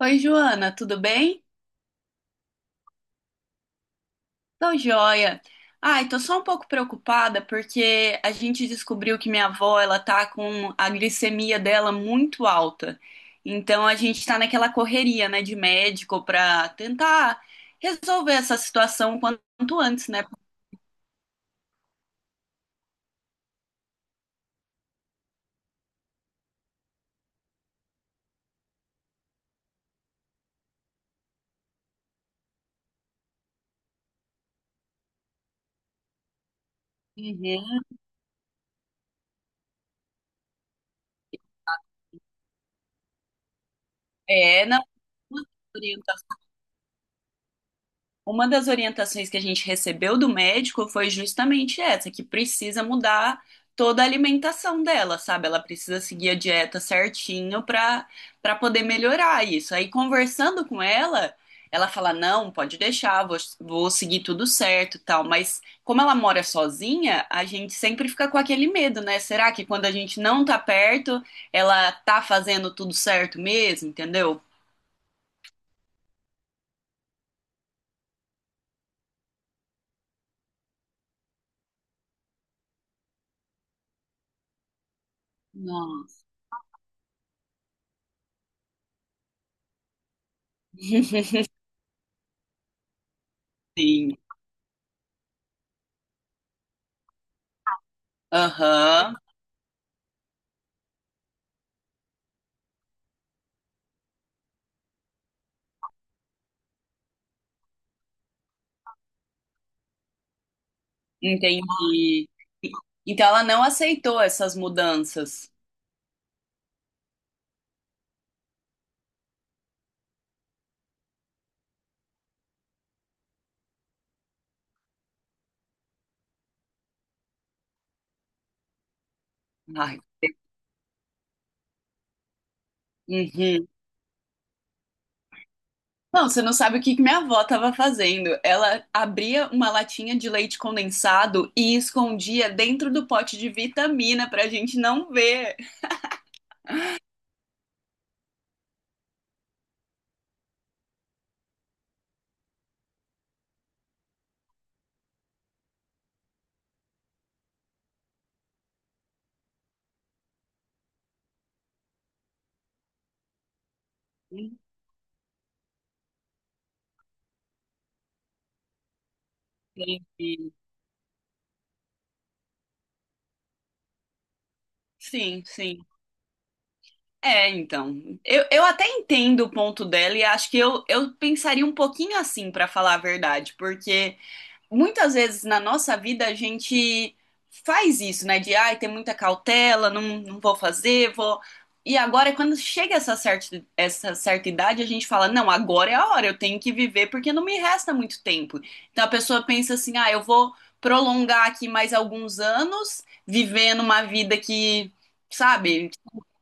Oi, Joana, tudo bem? Tô joia. Ai, tô só um pouco preocupada porque a gente descobriu que minha avó, ela tá com a glicemia dela muito alta. Então a gente tá naquela correria, né, de médico pra tentar resolver essa situação o quanto antes, né? Uhum. É, não. Uma das orientações que a gente recebeu do médico foi justamente essa, que precisa mudar toda a alimentação dela, sabe? Ela precisa seguir a dieta certinho para poder melhorar isso. Aí conversando com ela, ela fala: "Não, pode deixar, vou seguir tudo certo, e tal". Mas como ela mora sozinha, a gente sempre fica com aquele medo, né? Será que quando a gente não tá perto, ela tá fazendo tudo certo mesmo, entendeu? Nossa. Sim. Aham. Entendi. Então ela não aceitou essas mudanças. Ai, uhum. Não, você não sabe o que que minha avó estava fazendo. Ela abria uma latinha de leite condensado e escondia dentro do pote de vitamina para a gente não ver. Entendi. Sim, sim. É, então. Eu até entendo o ponto dela e acho que eu pensaria um pouquinho assim, para falar a verdade, porque muitas vezes na nossa vida a gente faz isso, né? De ai, tem muita cautela, não vou fazer, vou. E agora, quando chega essa certa idade, a gente fala: não, agora é a hora, eu tenho que viver porque não me resta muito tempo. Então a pessoa pensa assim: ah, eu vou prolongar aqui mais alguns anos, vivendo uma vida que, sabe,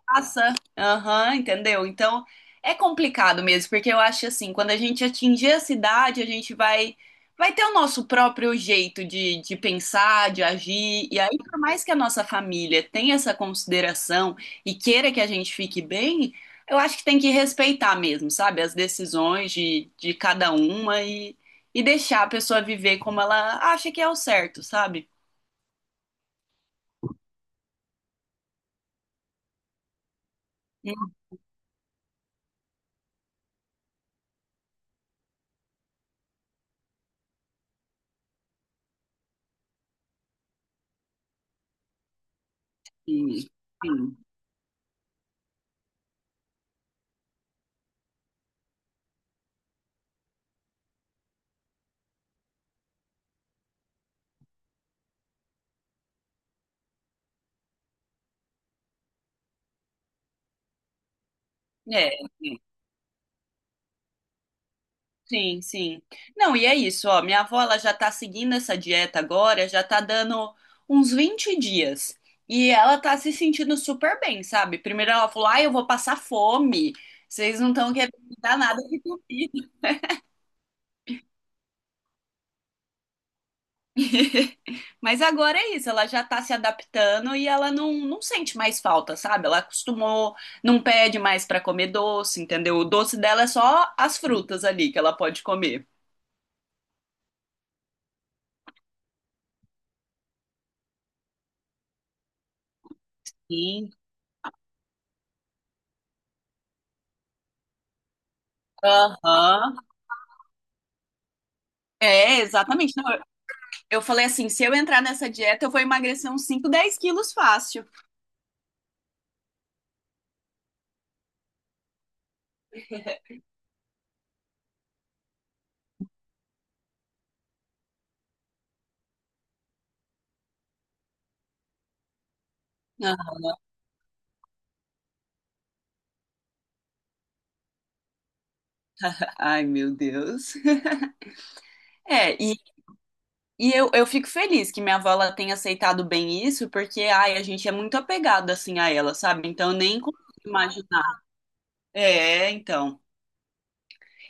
passa. Aham, entendeu? Então é complicado mesmo, porque eu acho assim, quando a gente atingir a cidade, a gente vai ter o nosso próprio jeito de pensar, de agir. E aí, por mais que a nossa família tenha essa consideração e queira que a gente fique bem, eu acho que tem que respeitar mesmo, sabe? As decisões de cada uma e deixar a pessoa viver como ela acha que é o certo, sabe? Hum, sim. É. Sim, sim. Não, e é isso, ó. Minha avó, ela já tá seguindo essa dieta agora, já tá dando uns 20 dias. E ela tá se sentindo super bem, sabe? Primeiro ela falou, ai, eu vou passar fome. Vocês não estão querendo me dar nada de comida. Mas agora é isso, ela já tá se adaptando e ela não sente mais falta, sabe? Ela acostumou, não pede mais pra comer doce, entendeu? O doce dela é só as frutas ali que ela pode comer. Sim. Aham. É, exatamente. Não, eu falei assim, se eu entrar nessa dieta, eu vou emagrecer uns 5, 10 quilos fácil. Ah. Ai, meu Deus. É, e eu fico feliz que minha avó ela tenha aceitado bem isso, porque, ai, a gente é muito apegado, assim, a ela, sabe? Então, eu nem consigo imaginar. É, então.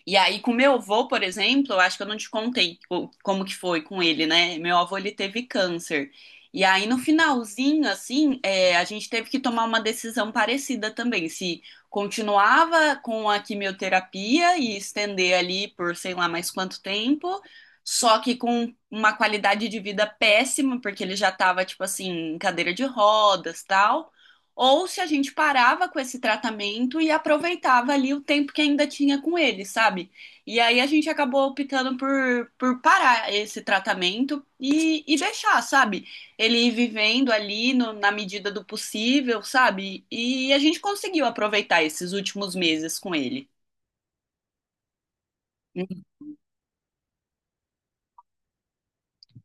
E aí, com meu avô, por exemplo, eu acho que eu não te contei como que foi com ele, né? Meu avô, ele teve câncer. E aí, no finalzinho, assim, é, a gente teve que tomar uma decisão parecida também. Se continuava com a quimioterapia e estender ali por sei lá mais quanto tempo, só que com uma qualidade de vida péssima, porque ele já tava, tipo assim, em cadeira de rodas, tal, ou se a gente parava com esse tratamento e aproveitava ali o tempo que ainda tinha com ele, sabe? E aí a gente acabou optando por parar esse tratamento e deixar, sabe? Ele ir vivendo ali na medida do possível, sabe? E a gente conseguiu aproveitar esses últimos meses com ele.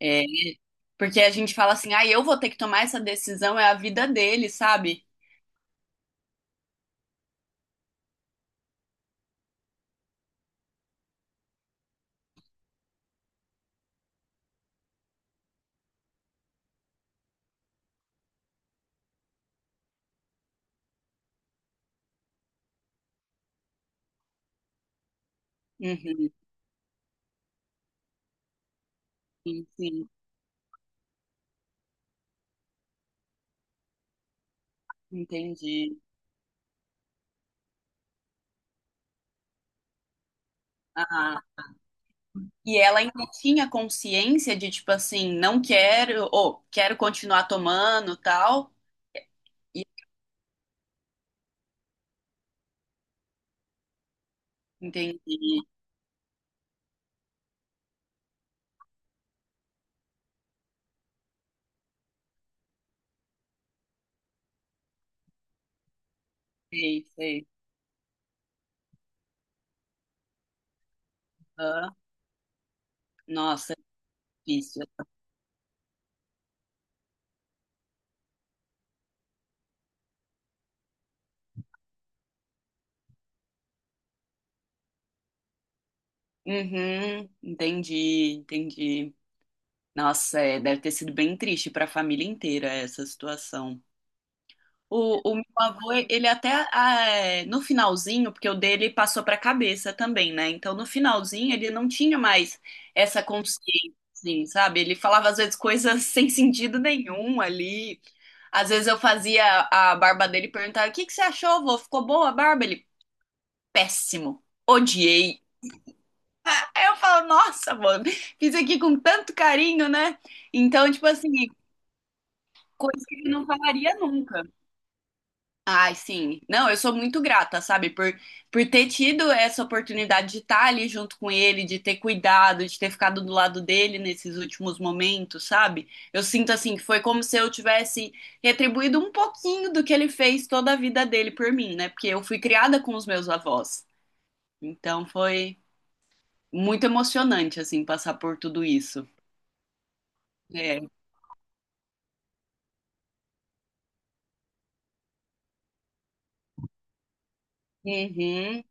É, porque a gente fala assim, ah, eu vou ter que tomar essa decisão, é a vida dele, sabe? Uhum, sim, sim, entendi. Ah. E ela ainda tinha consciência de, tipo assim, não quero, ou quero continuar tomando, tal. E entendi, sei, sei. Aham. Nossa, é difícil. Uhum, entendi, entendi. Nossa, é, deve ter sido bem triste para a família inteira essa situação. O meu avô, ele até ah, é, no finalzinho, porque o dele passou para a cabeça também, né? Então no finalzinho ele não tinha mais essa consciência, assim, sabe? Ele falava às vezes coisas sem sentido nenhum ali. Às vezes eu fazia a barba dele e perguntava: O que que você achou, vô? Ficou boa a barba? Ele, péssimo, odiei. Aí eu falo: Nossa, mano, fiz aqui com tanto carinho, né? Então, tipo assim, coisa que ele não falaria nunca. Ai, sim. Não, eu sou muito grata, sabe, por ter tido essa oportunidade de estar ali junto com ele, de ter cuidado, de ter ficado do lado dele nesses últimos momentos, sabe? Eu sinto assim que foi como se eu tivesse retribuído um pouquinho do que ele fez toda a vida dele por mim, né? Porque eu fui criada com os meus avós. Então foi muito emocionante, assim, passar por tudo isso. É. Uhum.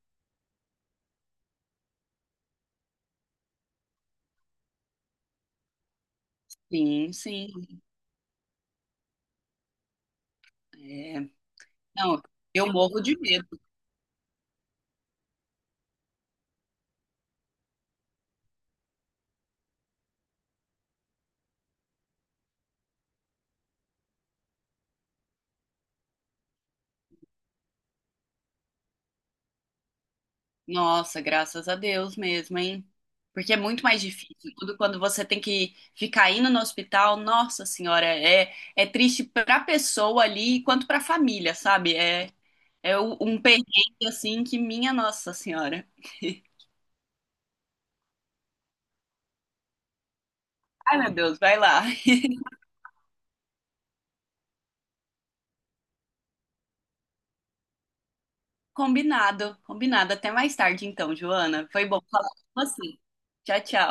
Sim, sim. É. Não, eu morro de medo. Nossa, graças a Deus mesmo, hein? Porque é muito mais difícil. Tudo quando você tem que ficar indo no hospital, nossa senhora, é, é triste pra pessoa ali quanto pra família, sabe? É, é um perrengue assim que minha nossa senhora. Ai, meu Deus, vai lá. Combinado, combinado. Até mais tarde então, Joana. Foi bom falar com você. Tchau, tchau.